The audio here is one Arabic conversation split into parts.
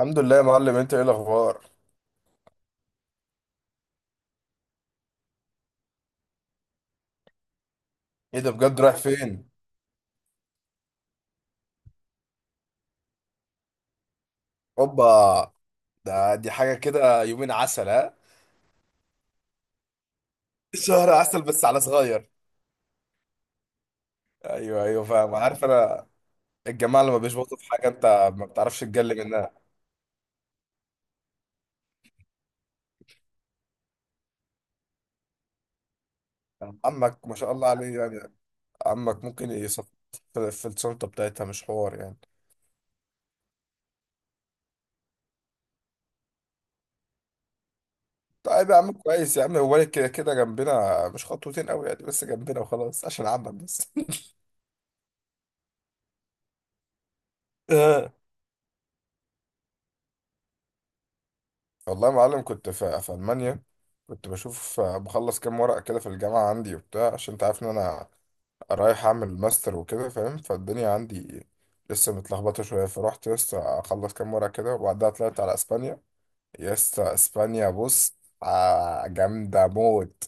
الحمد لله يا معلم، انت ايه الاخبار؟ ايه ده؟ بجد رايح فين؟ اوبا. ده دي حاجه كده، يومين عسل، ها؟ شهر عسل بس على صغير. ايوه، ايوه، فاهم، عارف انا. الجماعه اللي ما بيشبطوا في حاجه، انت ما بتعرفش تجلي منها. عمك ما شاء الله عليه يعني. عمك ممكن يصف في الشنطه بتاعتها، مش حوار يعني. طيب يا عم، كويس يا عم، هو كده كده جنبنا، مش خطوتين قوي يعني، بس جنبنا وخلاص، عشان عمك بس. والله يا معلم، كنت في ألمانيا. كنت بشوف، بخلص كام ورقة كده في الجامعة عندي وبتاع، عشان انت عارف ان انا رايح اعمل ماستر وكده فاهم. فالدنيا عندي لسه متلخبطة شوية، فرحت لسه اخلص كام ورقة كده، وبعدها طلعت على اسبانيا. يسطا اسبانيا، بص. جامدة موت.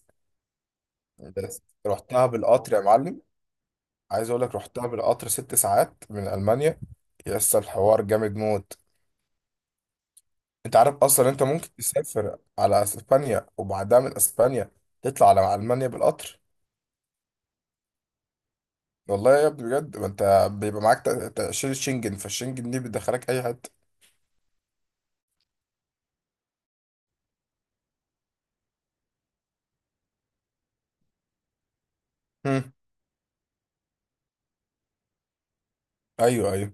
بس رحتها بالقطر يا معلم. عايز اقول لك، رحتها بالقطر 6 ساعات من ألمانيا. يسطا الحوار جامد موت. انت عارف اصلا، انت ممكن تسافر على اسبانيا، وبعدها من اسبانيا تطلع على المانيا بالقطر. والله يا ابني بجد، ما انت بيبقى معاك تأشيرة شنجن، فالشنجن دي بتدخلك اي حته. مم. ايوه، ايوه.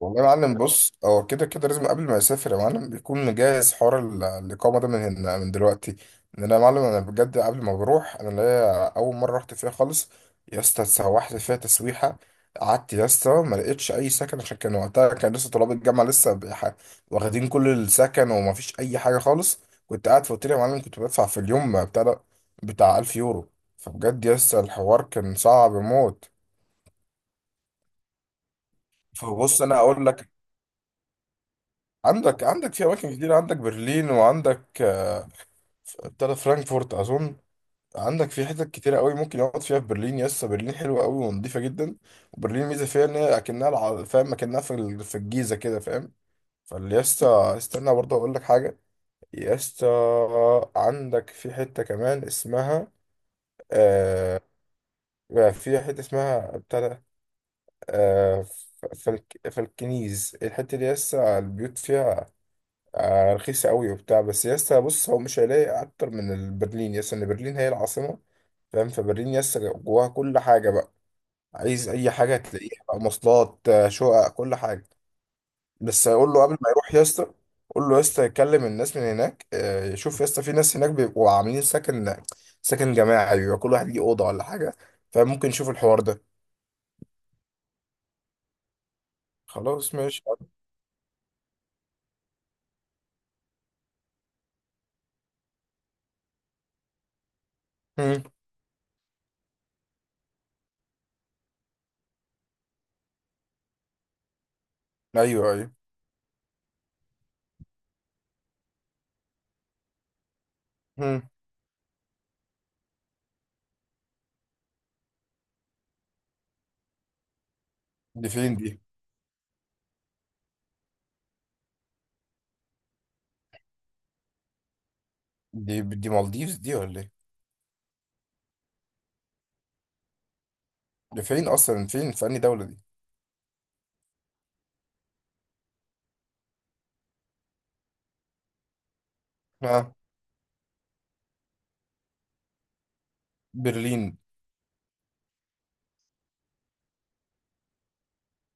والله يا معلم بص، هو كده كده لازم قبل ما يسافر يا معلم، بيكون مجهز حوار الإقامة ده من دلوقتي. إن أنا يا معلم، أنا بجد قبل ما بروح، أنا اللي هي أول مرة رحت فيها خالص. يا اسطى اتسوحت فيها تسويحة. قعدت يا اسطى، ما لقيتش أي سكن، عشان كان وقتها كان لسه طلاب الجامعة لسه واخدين كل السكن، وما فيش أي حاجة خالص. كنت قاعد في أوتيل يا معلم، كنت بدفع في اليوم بتاع 1000 يورو. فبجد يا اسطى، الحوار كان صعب موت. فبص، أنا أقول لك. عندك في اماكن كتير. عندك برلين، وعندك، ابتدى فرانكفورت اظن. عندك في حتت كتيرة قوي ممكن يقعد فيها في برلين. يس برلين حلوة قوي ونضيفة جدا. وبرلين ميزة فيها ان هي اكنها فاهم اكنها في الجيزة كده فاهم. فاليستا، استنى برضه اقول لك حاجة. يستا، عندك في حتة كمان اسمها، آه في حتة اسمها ابتدى، آه ف- فالكنيز. الحتة دي يسا البيوت فيها، رخيصة قوي وبتاع. بس يا اسطى بص، هو مش هيلاقي اكتر من البرلين يا اسطى، ان برلين هي العاصمة فاهم. فبرلين يا اسطى جواها كل حاجة بقى. عايز اي حاجة تلاقيها بقى، مواصلات، شقق، كل حاجة. بس قول له قبل ما يروح يا اسطى، قول له يا اسطى يكلم الناس من هناك، يشوف يا اسطى في ناس هناك بيبقوا عاملين سكن، سكن جماعي بيبقى كل واحد ليه أوضة ولا حاجة. فممكن يشوف الحوار ده. خلاص ماشي. مم. ايوه، ايوه. مم. دي فين دي؟ دي مالديفز دي ولا ايه؟ دي فين اصلا، فين، في انهي دولة دي؟ آه. برلين.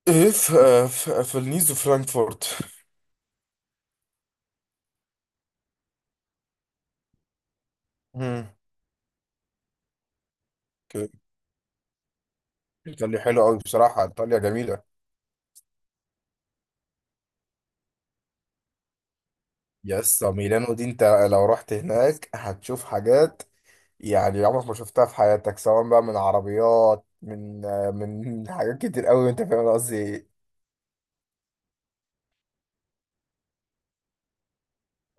ايه؟ في النيز وفرانكفورت. مم. اوكي. ايطاليا حلوه قوي، بصراحه ايطاليا جميله. يس ميلانو دي، انت لو رحت هناك هتشوف حاجات يعني عمرك ما شفتها في حياتك، سواء بقى من عربيات، من، من حاجات كتير قوي، انت فاهم أنا قصدي ايه.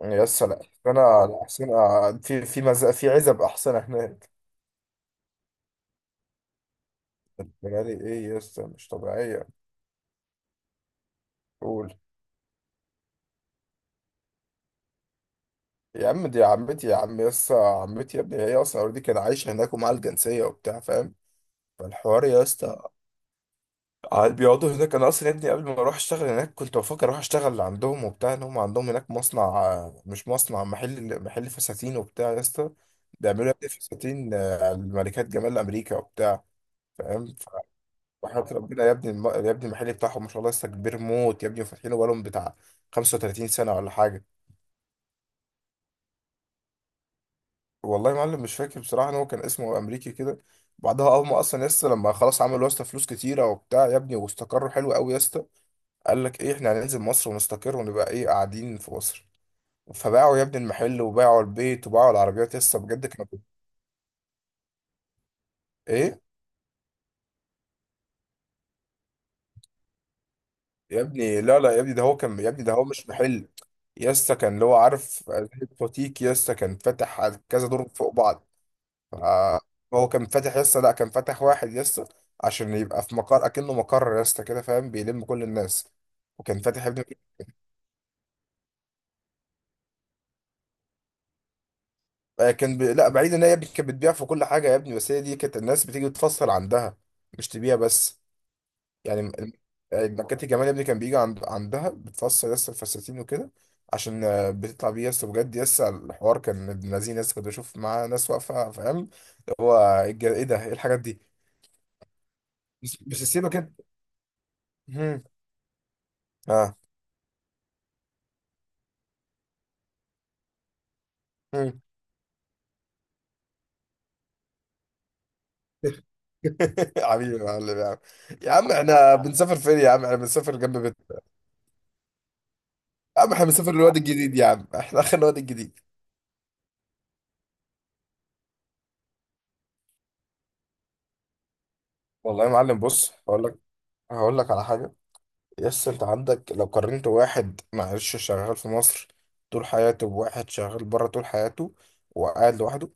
يس لا. انا الاحصنه في عزب احصنه هناك. بالي ايه؟ يس مش طبيعيه. قول. يا عم دي عمتي يا عم. يسا عمتي يا ابني، هي اصلا اوريدي كان عايشه هناك ومعاها الجنسيه وبتاع فاهم. فالحوار يا اسطى قاعد بيقعدوا هناك. انا اصلا يا ابني قبل ما اروح اشتغل هناك، كنت بفكر اروح اشتغل عندهم وبتاع، ان هم عندهم هناك مصنع، مش مصنع، محل فساتين وبتاع يا اسطى. بيعملوا يا ابني فساتين، الملكات جمال امريكا وبتاع فاهم. فحياة ربنا يا ابني، يا ابني المحل بتاعهم ما شاء الله لسه كبير موت يا ابني، وفاتحينه بقالهم بتاع 35 سنه ولا حاجه. والله يا معلم مش فاكر بصراحة، ان هو كان اسمه امريكي كده. بعدها هم اصلا يسطا لما خلاص عملوا يسطا فلوس كتيرة وبتاع يا ابني، واستقروا حلو قوي يسطا، قال لك ايه، احنا هننزل مصر ونستقر، ونبقى ايه قاعدين في مصر. فباعوا يا ابني المحل، وباعوا البيت، وباعوا العربيات يسطا، بجد كانوا ايه. يا ابني لا لا يا ابني، ده هو كان يا ابني، ده هو مش محل. يسطا كان اللي هو عارف زي بوتيك، يسطا كان فاتح على كذا دور فوق بعض. آه، هو كان فاتح لسه، لا كان فاتح واحد لسه، عشان يبقى في مقر اكنه مقر لسه كده فاهم، بيلم كل الناس. وكان فاتح يا ابني، لا بعيد، ان هي يا ابني كانت بتبيع في كل حاجه يا ابني، بس هي دي كانت الناس بتيجي تفصل عندها، مش تبيع بس. يعني مكاتي جمال يا ابني كان بيجي عند... عندها بتفصل لسه الفساتين وكده، عشان بتطلع بيه لسه، بجد لسه الحوار كان ابن لذين لسه، كنت بشوف معاه ناس واقفه فاهم اللي هو ايه إيه ده ايه الحاجات دي. بس بس سيبك كده. اه. مم. حبيبي يا معلم يا عم. يا عم احنا بنسافر فين يا عم؟ احنا بنسافر جنب بيتنا. يا عم احنا بنسافر الواد الجديد يا عم، احنا اخر الواد الجديد. والله يا معلم بص، هقول لك على حاجه. يس انت عندك، لو قارنت واحد معلش شغال في مصر طول حياته، بواحد شغال بره طول حياته وقاعد لوحده،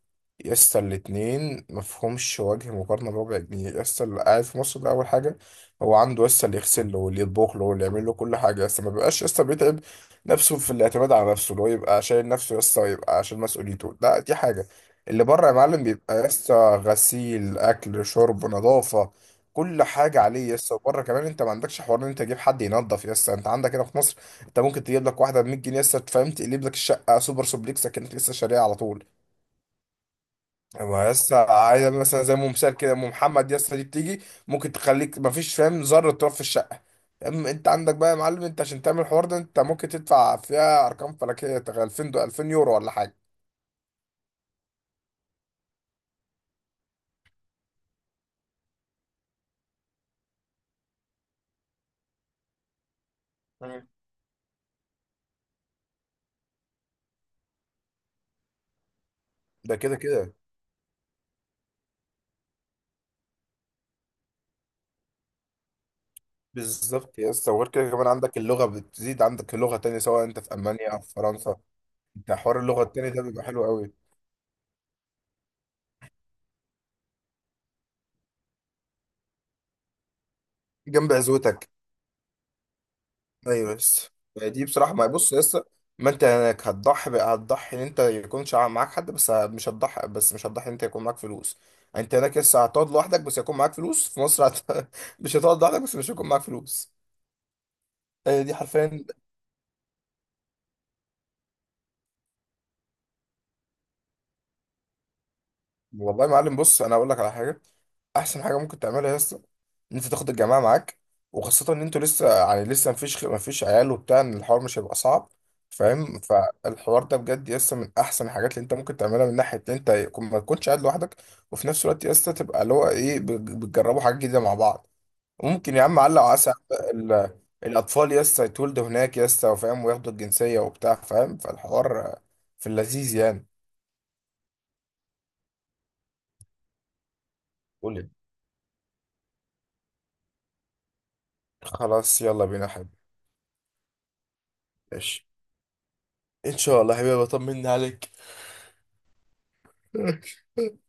يس الاتنين مفهومش وجه مقارنة بربع جنيه. يس اللي قاعد في مصر ده، أول حاجة هو عنده يس اللي يغسل له، واللي يطبخ له، واللي يعمل له كل حاجة. يس ما بيبقاش يس بيتعب نفسه في الاعتماد على نفسه، اللي هو يبقى شايل نفسه يس، ويبقى عشان مسؤوليته، لا دي حاجة. اللي بره يا معلم بيبقى يس غسيل، أكل، شرب، نظافة، كل حاجه عليه. يس وبره كمان انت ما عندكش حوار ان انت تجيب حد ينظف. يس انت عندك هنا في مصر، انت ممكن تجيب لك واحده ب 100 جنيه يس فاهم، تقلب لك الشقه سوبر سوبليكس كانت لسه شاريها على طول. اما يس عايز مثلا، زي ام مثال كده، ام محمد، يس دي بتيجي ممكن تخليك ما فيش فاهم ذره تراب في الشقه. اما انت عندك بقى يا معلم، انت عشان تعمل الحوار ده، انت ممكن تدفع فيها ارقام فلكيه، 2000 يورو ولا حاجه. مم. ده كده كده. بالظبط يا اسطى، وغير كده كمان عندك اللغه بتزيد، عندك لغه تانية سواء انت في المانيا او في فرنسا. بتاع حوار اللغه التاني ده بيبقى حلو قوي. جنب عزوتك. ايوه بس. دي بصراحه ما، بص يا اسطى، ما انت هناك هتضحي بقى، هتضحي ان انت يكونش معاك حد، بس مش هتضحي، بس مش هتضحي ان انت يكون معاك فلوس. يعني انت هناك لسه هتقعد لوحدك بس هيكون معاك فلوس في مصر، مش هتقعد لوحدك بس مش هيكون معاك فلوس. هي دي حرفيا. والله يا معلم بص انا اقول لك على حاجه. احسن حاجه ممكن تعملها يا اسطى، ان انت تاخد الجماعه معاك، وخاصه ان انتوا لسه يعني، لسه مفيش عيال وبتاع، ان الحوار مش هيبقى صعب. فاهم. فالحوار ده بجد يسطا من احسن الحاجات اللي انت ممكن تعملها، من ناحيه ان انت ما تكونش قاعد لوحدك. وفي نفس الوقت يسطا تبقى اللي هو ايه، بتجربوا حاجات جديده مع بعض. ممكن يا عم علق وعسى، الاطفال يسطا يتولدوا هناك يسطا وفاهم، وياخدوا الجنسيه وبتاع فاهم. فالحوار في اللذيذ يعني. قولي. خلاص يلا بينا يا حبيبي. ماشي. ان شاء الله يا حبيبي، بطمنا عليك.